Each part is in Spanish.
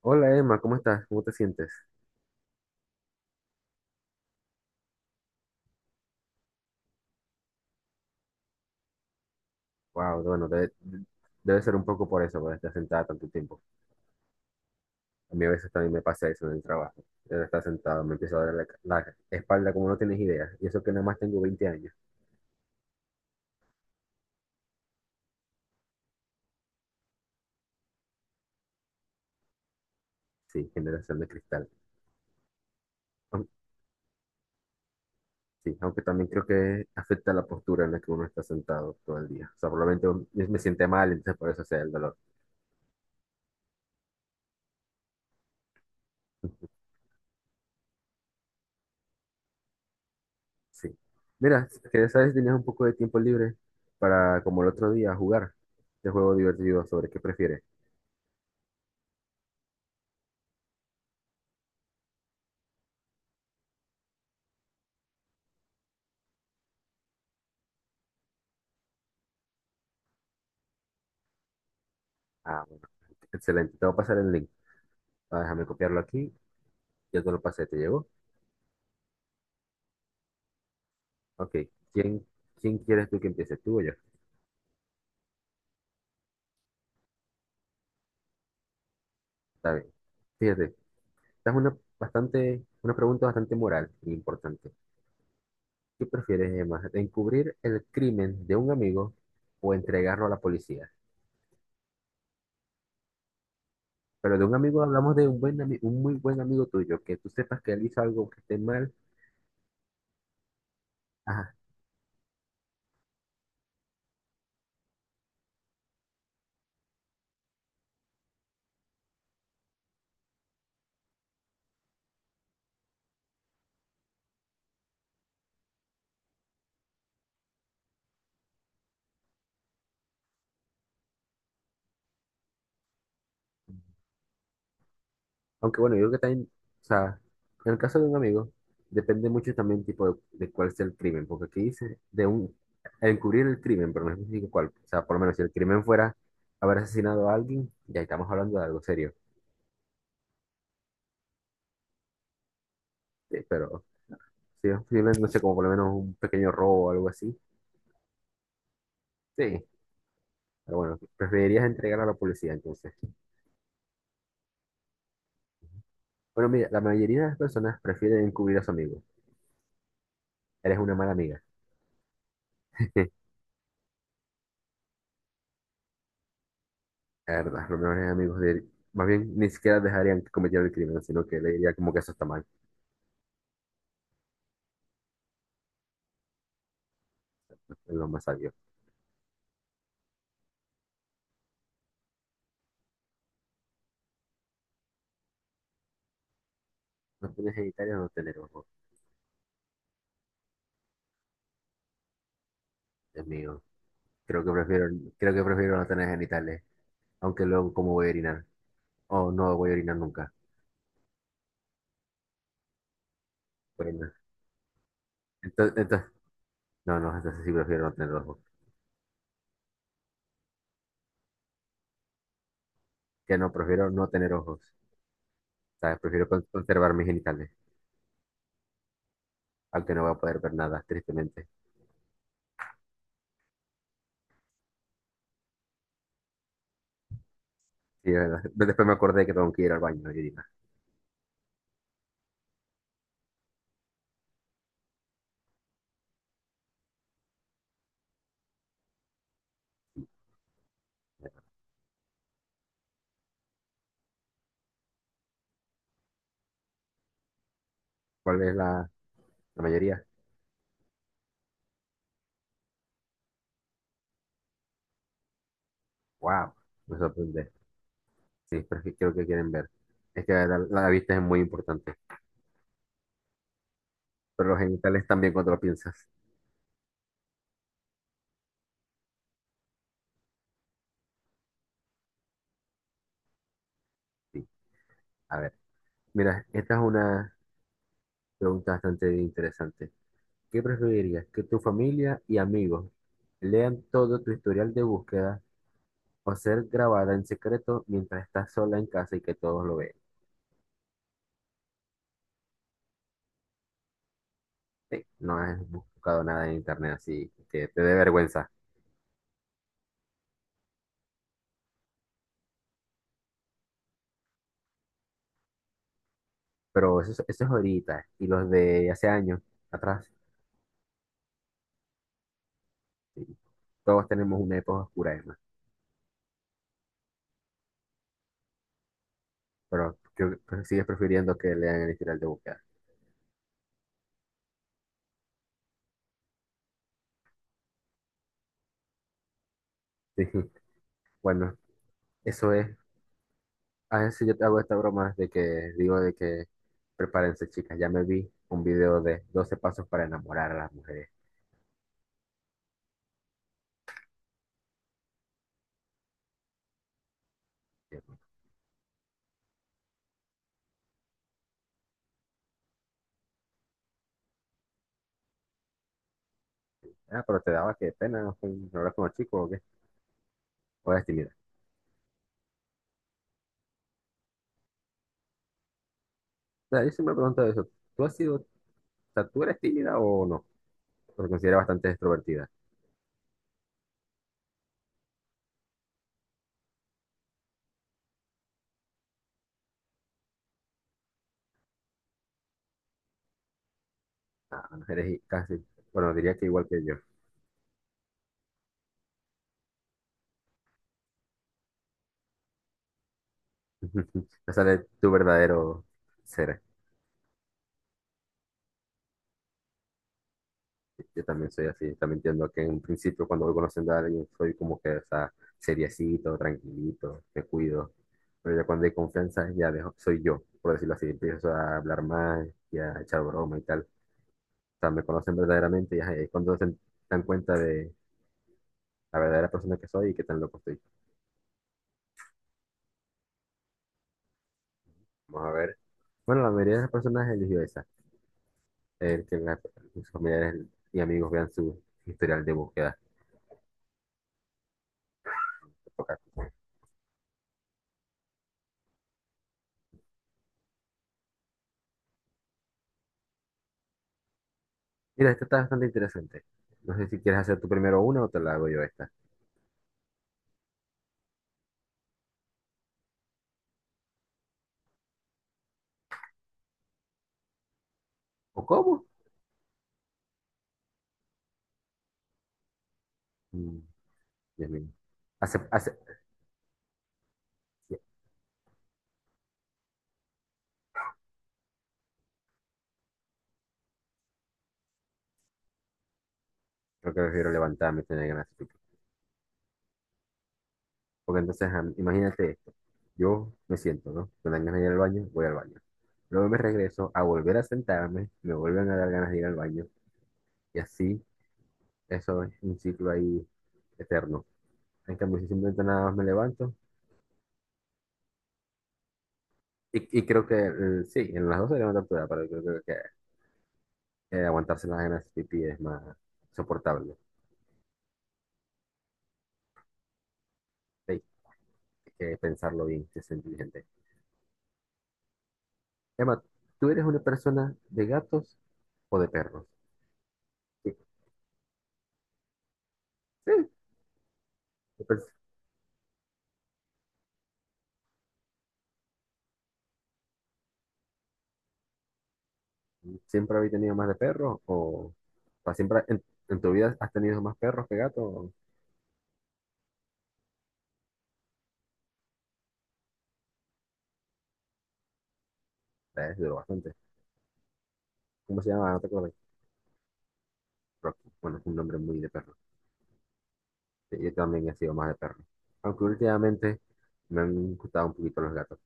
Hola Emma, ¿cómo estás? ¿Cómo te sientes? Wow, bueno, debe ser un poco por eso, por estar sentada tanto tiempo. A mí a veces también me pasa eso en el trabajo. Debe estar sentado, me empieza a doler la espalda como no tienes idea. Y eso que nada más tengo 20 años. Sí, generación de cristal. Aun- Sí, aunque también creo que afecta la postura en la que uno está sentado todo el día. O sea, probablemente me siente mal, entonces por eso sea el dolor. Sí. Mira, que sabes, tenías un poco de tiempo libre para, como el otro día, jugar este juego divertido sobre qué prefieres. Ah, bueno. Excelente, te voy a pasar el link. Ah, déjame copiarlo aquí. Ya te lo pasé, ¿te llegó? Ok. ¿Quién, quién quieres tú que empiece? ¿Tú o yo? Está bien. Fíjate, esta es una pregunta bastante moral e importante. ¿Qué prefieres, Emma? ¿Encubrir el crimen de un amigo o entregarlo a la policía? Pero de un amigo hablamos de un muy buen amigo tuyo, que tú sepas que él hizo algo que esté mal, ajá. Aunque bueno, yo creo que también, o sea, en el caso de un amigo, depende mucho también tipo de cuál sea el crimen, porque aquí dice encubrir el crimen, pero no especifica cuál. O sea, por lo menos si el crimen fuera haber asesinado a alguien, ya estamos hablando de algo serio. Sí, pero si es posible, no sé, como por lo menos un pequeño robo o algo así, sí. Pero bueno, preferirías entregar a la policía entonces. Bueno, mira, la mayoría de las personas prefieren encubrir a su amigo. Eres una mala amiga. La verdad, los mejores amigos de él, más bien, ni siquiera dejarían que cometiera el crimen, sino que le diría como que eso está mal, es lo más sabio. No tener genitales o no tener ojos. Dios mío. Creo que prefiero, creo que prefiero no tener genitales, aunque luego cómo voy a orinar, o no voy a orinar nunca. Bueno, entonces, entonces, no, no, entonces sí prefiero no tener ojos. Que no, prefiero no tener ojos, ¿sabes? Prefiero conservar mis genitales, aunque no voy a poder ver nada, tristemente. Sí, es verdad. Después me acordé que tengo que ir al baño y orinar. ¿Cuál es la mayoría? ¡Wow! Me sorprende. Sí, pero es que creo que quieren ver. Es que la vista es muy importante. Pero los genitales también cuando lo piensas. Sí. A ver, mira, esta es una pregunta bastante interesante. ¿Qué preferirías? ¿Que tu familia y amigos lean todo tu historial de búsqueda o ser grabada en secreto mientras estás sola en casa y que todos lo vean? Sí, no has buscado nada en internet así que te dé vergüenza. Pero eso, eso es ahorita. Y los de hace años atrás, sí, todos tenemos una época oscura, Emma. Pero creo que sigues prefiriendo que lean el historial de búsqueda. Sí, bueno, eso es. A veces yo te hago esta broma de que digo de que prepárense, chicas. Ya me vi un video de 12 pasos para enamorar a las mujeres. Y yo. Ah, pero te daba que pena, ¿no? Hablar con los chicos, ¿o qué? O eres tímida. O sea, yo siempre me pregunto eso. ¿Tú has sido, o sea, tú eres tímida o no? Porque considero bastante extrovertida. Ah, no, eres casi, bueno, diría que igual que yo. No sale tu verdadero ser. Yo también soy así, también entiendo que en un principio cuando voy conociendo a alguien soy como que, o sea, seriecito, tranquilito, me cuido. Pero ya cuando hay confianza ya soy yo, por decirlo así, empiezo a hablar más y a echar broma y tal. O sea, me conocen verdaderamente y ajá, y ahí es cuando se dan cuenta de la verdadera persona que soy y qué tan loco estoy. Vamos a ver. Bueno, la mayoría de las personas eligió esa, el que sus familiares y amigos vean su historial de búsqueda. Ok. Mira, esta está bastante interesante. No sé si quieres hacer tú primero una o te la hago yo esta. ¿O cómo? Mm. Dios mío. Hace, hace, sí, creo que prefiero levantarme y tener ganas de pipí. Porque entonces, ah, imagínate esto. Yo me siento, ¿no? Me dan ganas de ir al baño, voy al baño. Luego me regreso a volver a sentarme, me vuelven a dar ganas de ir al baño. Y así, eso es un ciclo ahí eterno. En cambio, si simplemente nada más me levanto, y creo que sí, en las dos se levanta toda, pero creo que aguantarse las ganas de pipí es más soportable. Sí, hay que pensarlo bien, que es inteligente. Emma, ¿tú eres una persona de gatos o de perros? Sí, sí, pues, ¿siempre habéis tenido más de perros o siempre en tu vida has tenido más perros que gatos? Es duro bastante. ¿Cómo se llama? No te acuerdas. Rocky. Bueno, es un nombre muy de perro. Sí, yo también he sido más de perro. Aunque últimamente me han gustado un poquito los gatos.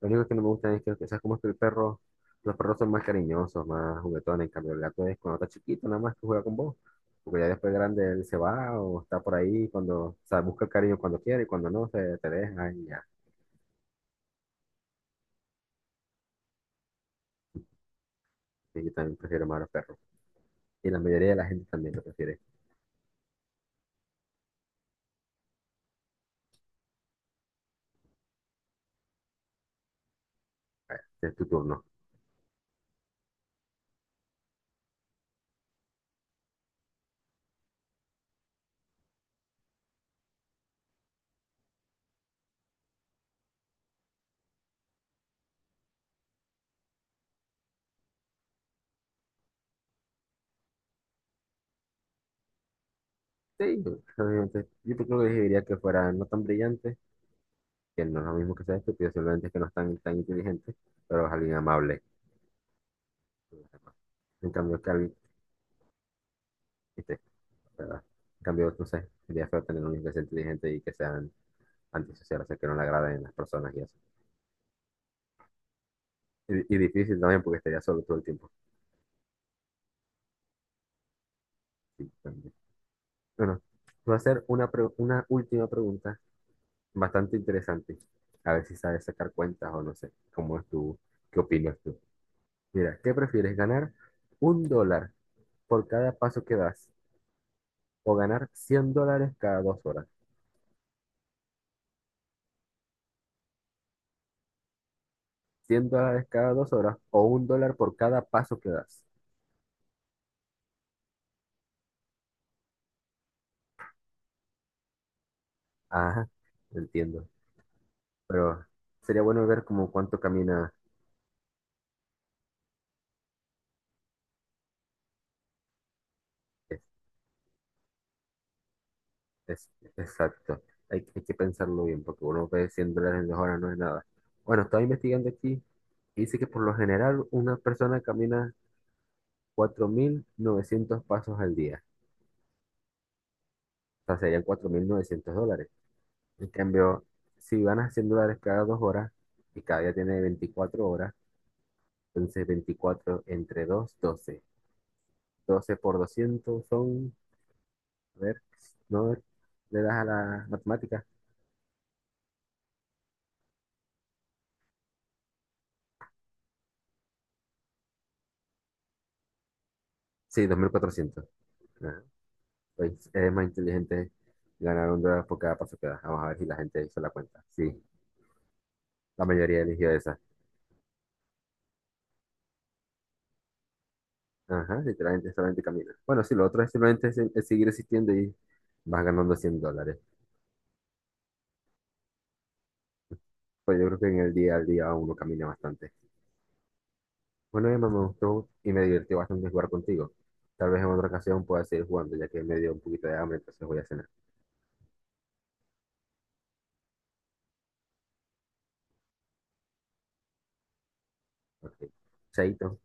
Lo único que no me gusta que ¿sabes cómo es que el perro? Los perros son más cariñosos, más juguetones. En cambio, el gato es cuando está chiquito, nada más que juega con vos. Porque ya después grande él se va o está por ahí cuando, o sea, busca el cariño cuando quiere y cuando no, se te deja y ya. Y yo también prefiero más a los perros. Y la mayoría de la gente también lo prefiere. Es tu turno. Sí, obviamente. Yo creo que diría que fuera no tan brillante, que no es lo mismo que sea estúpido, simplemente es que no es tan, tan inteligente, pero es alguien amable. En cambio, que alguien, este, ¿verdad? En cambio, no sé, sería feo tener un hijo inteligente y que sean antisociales, o sea, que no le agraden las personas y eso. Y difícil también porque estaría solo todo el tiempo. Sí, también. Bueno, te voy a hacer una última pregunta bastante interesante. A ver si sabes sacar cuentas o no sé, qué opinas tú. Mira, ¿qué prefieres ganar? ¿Un dólar por cada paso que das o ganar $100 cada 2 horas? $100 cada dos horas o un dólar por cada paso que das. Ajá, entiendo. Pero sería bueno ver como cuánto camina. es, es- exacto. Hay que pensarlo bien, porque uno ve $100 en 2 horas, no es nada. Bueno, estaba investigando aquí y dice que por lo general una persona camina 4.900 pasos al día. O sea, serían $4.900. En cambio, si ganas $100 cada 2 horas y cada día tiene 24 horas, entonces 24 entre 2 12 12 por 200 son, a ver, no le das a la matemática. Sí, 2.400. Ah, pues es más inteligente ganar un dólar por cada paso que da. Vamos a ver si la gente hizo la cuenta. Sí, la mayoría eligió esa. Ajá, literalmente solamente camina. Bueno, sí, lo otro es simplemente es seguir existiendo y vas ganando $100. Pues yo creo que en el día al día uno camina bastante. Bueno, Emma, me gustó y me divertí bastante jugar contigo. Tal vez en otra ocasión pueda seguir jugando, ya que me dio un poquito de hambre, entonces voy a cenar. Ok, chaito.